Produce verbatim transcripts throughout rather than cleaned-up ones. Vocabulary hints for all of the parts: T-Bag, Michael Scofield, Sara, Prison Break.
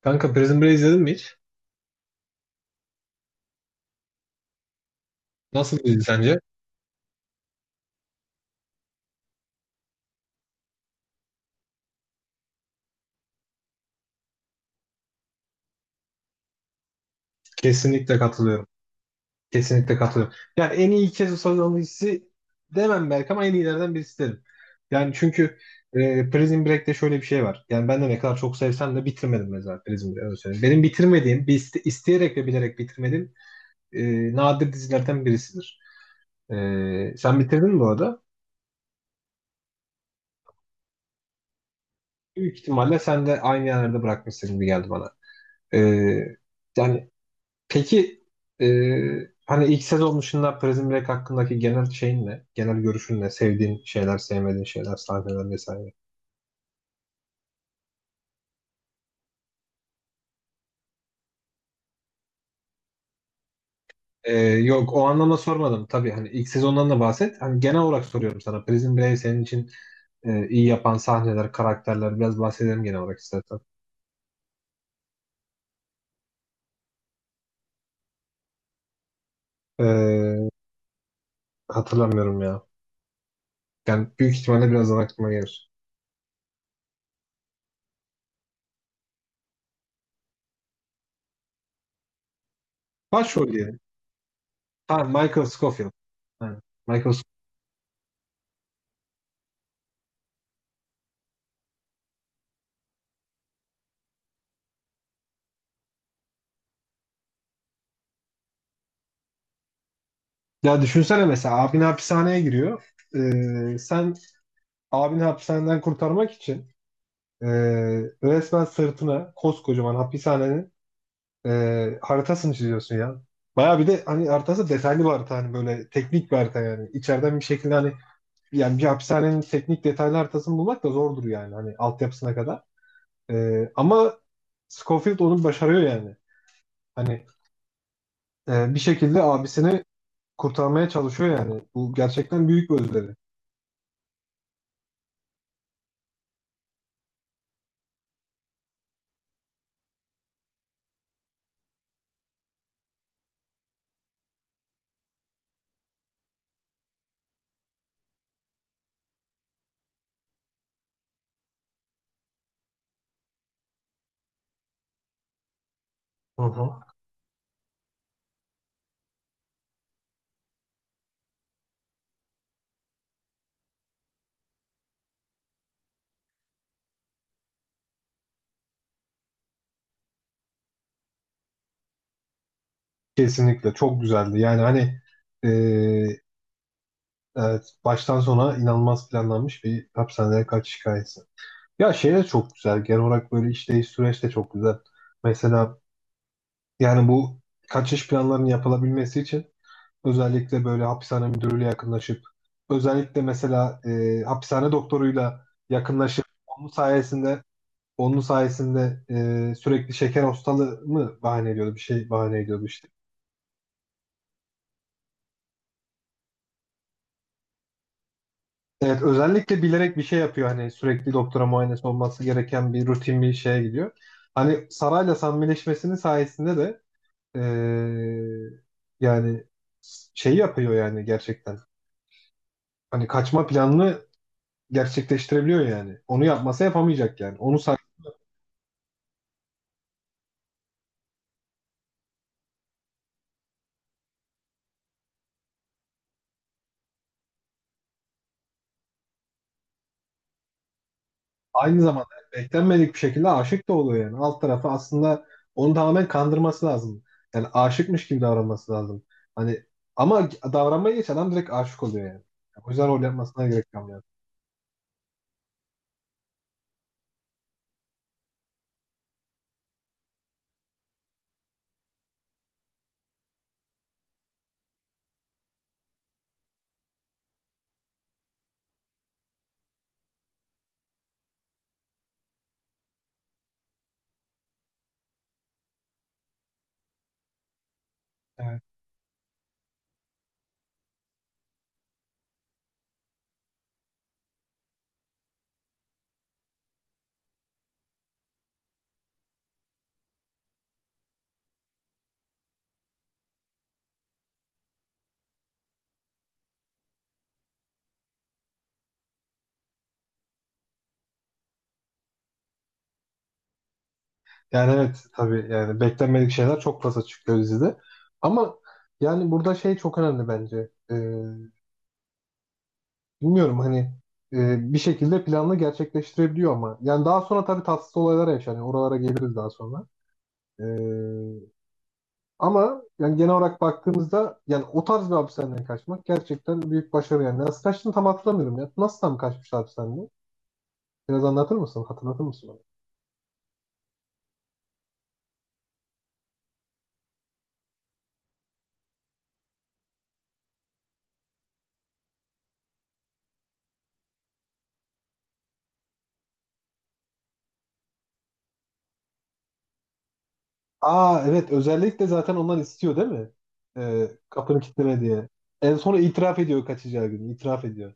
Kanka Prison Break izledin mi hiç? Nasıl bir dizi sence? Kesinlikle katılıyorum. Kesinlikle katılıyorum. Yani en iyi iki sezon dizisi demem belki ama en iyilerden birisi derim. Yani çünkü e, Prison Break'te şöyle bir şey var. Yani ben de ne kadar çok sevsem de bitirmedim mesela Prison Break'i. Öyle söyleyeyim. Benim bitirmediğim, bir iste- isteyerek ve bilerek bitirmediğim e, nadir dizilerden birisidir. E, sen bitirdin mi bu arada? Büyük ihtimalle sen de aynı yerlerde bırakmışsın gibi geldi bana. E, yani Peki e, hani ilk sezon dışında Prison Break hakkındaki genel şeyin ne? Genel görüşün ne? Sevdiğin şeyler, sevmediğin şeyler, sahneler vesaire. E, yok o anlamda sormadım. Tabii hani ilk sezondan da bahset. Hani genel olarak soruyorum sana. Prison Break senin için e, iyi yapan sahneler, karakterler biraz bahsedelim genel olarak istersen. E, hatırlamıyorum ya. Yani büyük ihtimalle birazdan aklıma gelir. Başrol diyelim. Ha, Michael Scofield. Ha, Michael Sc-. Ya düşünsene mesela abin hapishaneye giriyor. E, sen abini hapishaneden kurtarmak için e, resmen sırtına koskocaman hapishanenin e, haritasını çiziyorsun ya. Baya bir de hani haritası detaylı bir harita, hani böyle teknik bir harita yani. İçeriden bir şekilde hani yani bir hapishanenin teknik detaylı haritasını bulmak da zordur yani hani altyapısına kadar. E, ama Scofield onu başarıyor yani. Hani e, bir şekilde abisini kurtarmaya çalışıyor yani. Bu gerçekten büyük bir özveri. Hı hı. Kesinlikle çok güzeldi. Yani hani, e, evet, baştan sona inanılmaz planlanmış bir hapishaneye kaçış hikayesi. Ya şey de çok güzel. Genel olarak böyle işleyiş süreç de çok güzel. Mesela yani bu kaçış planlarının yapılabilmesi için özellikle böyle hapishane müdürüyle yakınlaşıp özellikle mesela e, hapishane doktoruyla yakınlaşıp onun sayesinde onun sayesinde e, sürekli şeker hastalığı mı bahane ediyordu, bir şey bahane ediyordu işte. Evet, özellikle bilerek bir şey yapıyor hani sürekli doktora muayenesi olması gereken bir rutin bir şeye gidiyor. Hani Saray'la samimileşmesinin sayesinde de eee, yani şey yapıyor yani gerçekten. Hani kaçma planını gerçekleştirebiliyor yani. Onu yapmasa yapamayacak yani. Onu say-. Aynı zamanda beklenmedik bir şekilde aşık da oluyor yani. Alt tarafı aslında onu tamamen kandırması lazım. Yani aşıkmış gibi davranması lazım. Hani ama davranmaya geç, adam direkt aşık oluyor yani. O yüzden rol yapmasına gerek kalmıyor. Evet. Yani evet tabii yani beklenmedik şeyler çok fazla çıkıyor dizide. Ama yani burada şey çok önemli bence. Ee, bilmiyorum hani e, bir şekilde planını gerçekleştirebiliyor ama. Yani daha sonra tabii tatsız olaylar yaşanıyor. Oralara geliriz daha sonra. Ee, ama yani genel olarak baktığımızda yani o tarz bir hapishaneden kaçmak gerçekten büyük başarı yani. Nasıl kaçtığını tam hatırlamıyorum ya. Nasıl tam kaçmıştı hapishaneden? Biraz anlatır mısın? Hatırlatır mısın? Aa, evet, özellikle zaten onlar istiyor değil mi? Ee, kapını kilitleme diye. En sonra itiraf ediyor kaçacağı gün. İtiraf ediyor.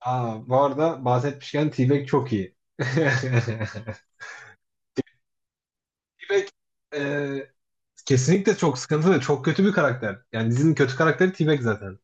Aa, bu arada bahsetmişken T-Bag çok iyi. T-Bag e, kesinlikle çok sıkıntılı, çok kötü bir karakter. Yani dizinin kötü karakteri T-Bag zaten.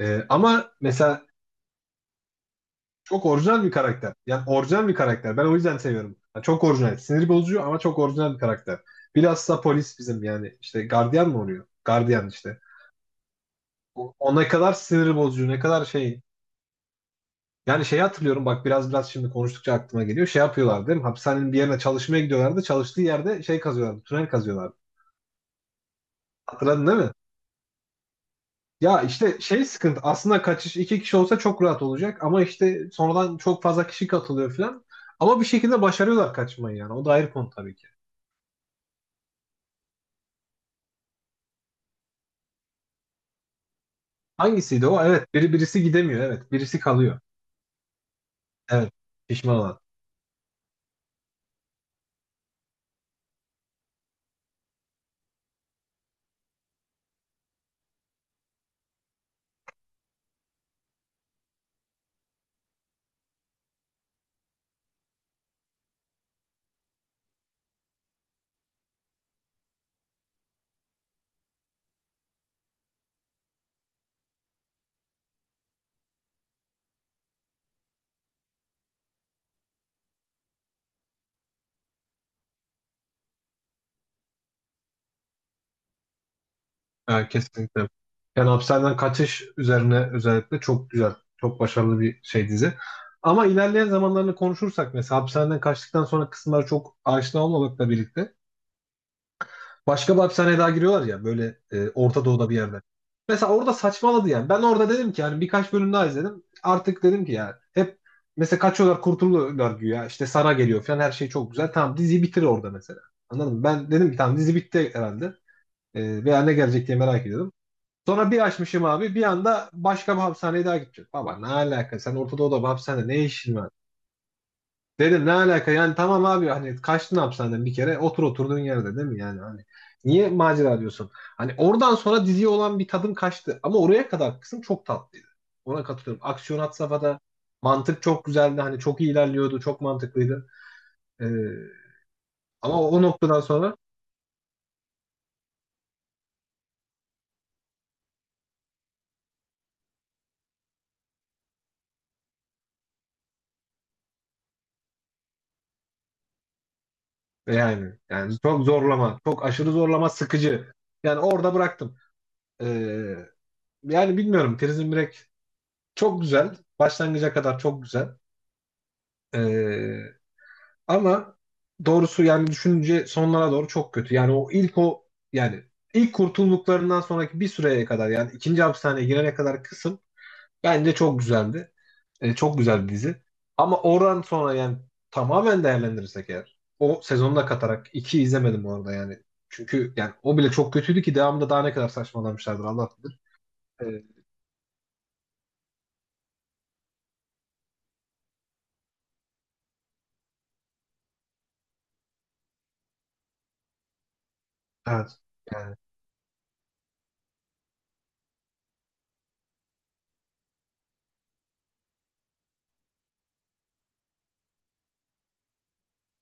E, ama mesela çok orijinal bir karakter. Yani orijinal bir karakter. Ben o yüzden seviyorum. Yani çok orijinal. Sinir bozucu ama çok orijinal bir karakter. Bilhassa polis bizim yani. İşte gardiyan mı oluyor? Gardiyan işte. O, o ne kadar sinir bozucu, ne kadar şey. Yani şey hatırlıyorum, bak biraz biraz şimdi konuştukça aklıma geliyor. Şey yapıyorlar değil mi? Hapishanenin bir yerine çalışmaya gidiyorlardı. Çalıştığı yerde şey kazıyorlardı. Tünel kazıyorlardı. Hatırladın değil mi? Ya işte şey sıkıntı. Aslında kaçış iki kişi olsa çok rahat olacak. Ama işte sonradan çok fazla kişi katılıyor falan. Ama bir şekilde başarıyorlar kaçmayı yani. O da ayrı konu tabii ki. Hangisiydi o? Evet, biri birisi gidemiyor. Evet, birisi kalıyor. Evet, pişman olan. Evet, kesinlikle. Yani hapishaneden kaçış üzerine özellikle çok güzel, çok başarılı bir şey dizi. Ama ilerleyen zamanlarını konuşursak mesela hapishaneden kaçtıktan sonra kısımları çok aşina olmamakla birlikte başka bir hapishaneye daha giriyorlar ya, böyle e, Orta Doğu'da bir yerde. Mesela orada saçmaladı yani. Ben orada dedim ki yani birkaç bölüm daha izledim. Artık dedim ki ya hep mesela kaçıyorlar kurtuluyorlar güya. İşte Sara geliyor falan, her şey çok güzel. Tamam, diziyi bitir orada mesela. Anladın mı? Ben dedim ki tamam dizi bitti herhalde. E, veya ne gelecek diye merak ediyordum. Sonra bir açmışım abi, bir anda başka bir hapishaneye daha gideceğim. Baba, ne alaka, sen Orta Doğu'da bir hapishanede ne işin var? Dedim ne alaka yani, tamam abi hani kaçtın hapishaneden bir kere, otur oturduğun yerde değil mi yani, hani niye macera diyorsun? Hani oradan sonra diziye olan bir tadım kaçtı ama oraya kadar kısım çok tatlıydı. Ona katılıyorum. Aksiyon had safhada, mantık çok güzeldi, hani çok iyi ilerliyordu, çok mantıklıydı. Ee, ama o noktadan sonra e, yani yani çok zorlama, çok aşırı zorlama, sıkıcı. Yani orada bıraktım. Ee, yani bilmiyorum, Prison Break çok güzel başlangıca kadar çok güzel. Ee, Ama doğrusu yani düşününce sonlara doğru çok kötü. Yani o ilk o yani ilk kurtulduklarından sonraki bir süreye kadar, yani ikinci hapishaneye girene kadar kısım bence çok güzeldi. E, çok güzel bir dizi. Ama oradan sonra yani tamamen değerlendirirsek eğer, o sezonu da katarak iki izlemedim orada yani. Çünkü yani o bile çok kötüydü ki devamında daha ne kadar saçmalamışlardır Allah bilir. E, evet. Yani.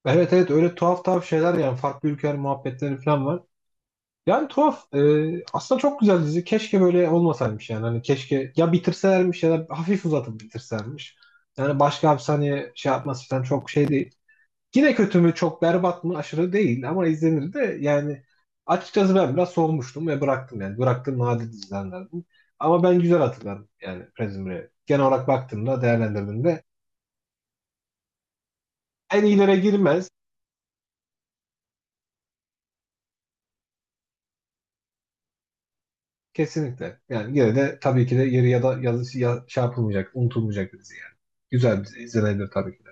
Evet, evet, öyle tuhaf tuhaf şeyler yani, farklı ülkeler muhabbetleri falan var. Yani tuhaf. Ee, aslında çok güzel dizi. Keşke böyle olmasaymış yani. Hani keşke ya bitirselermiş ya da hafif uzatıp bitirselermiş. Yani başka hapishaneye şey yapması falan çok şey değil. Yine kötü mü, çok berbat mı, aşırı değil ama izlenir de yani açıkçası ben biraz soğumuştum ve bıraktım yani. Bıraktığım nadir dizilerden. Ama ben güzel hatırlarım yani Prison Break'i. Genel olarak baktığımda, değerlendirdiğimde en iyilere girmez. Kesinlikle. Yani yine de tabii ki de yeri ya da yazı ya, şey yapılmayacak, unutulmayacak bir dizi yani. Güzel bir dizi, izlenebilir tabii ki.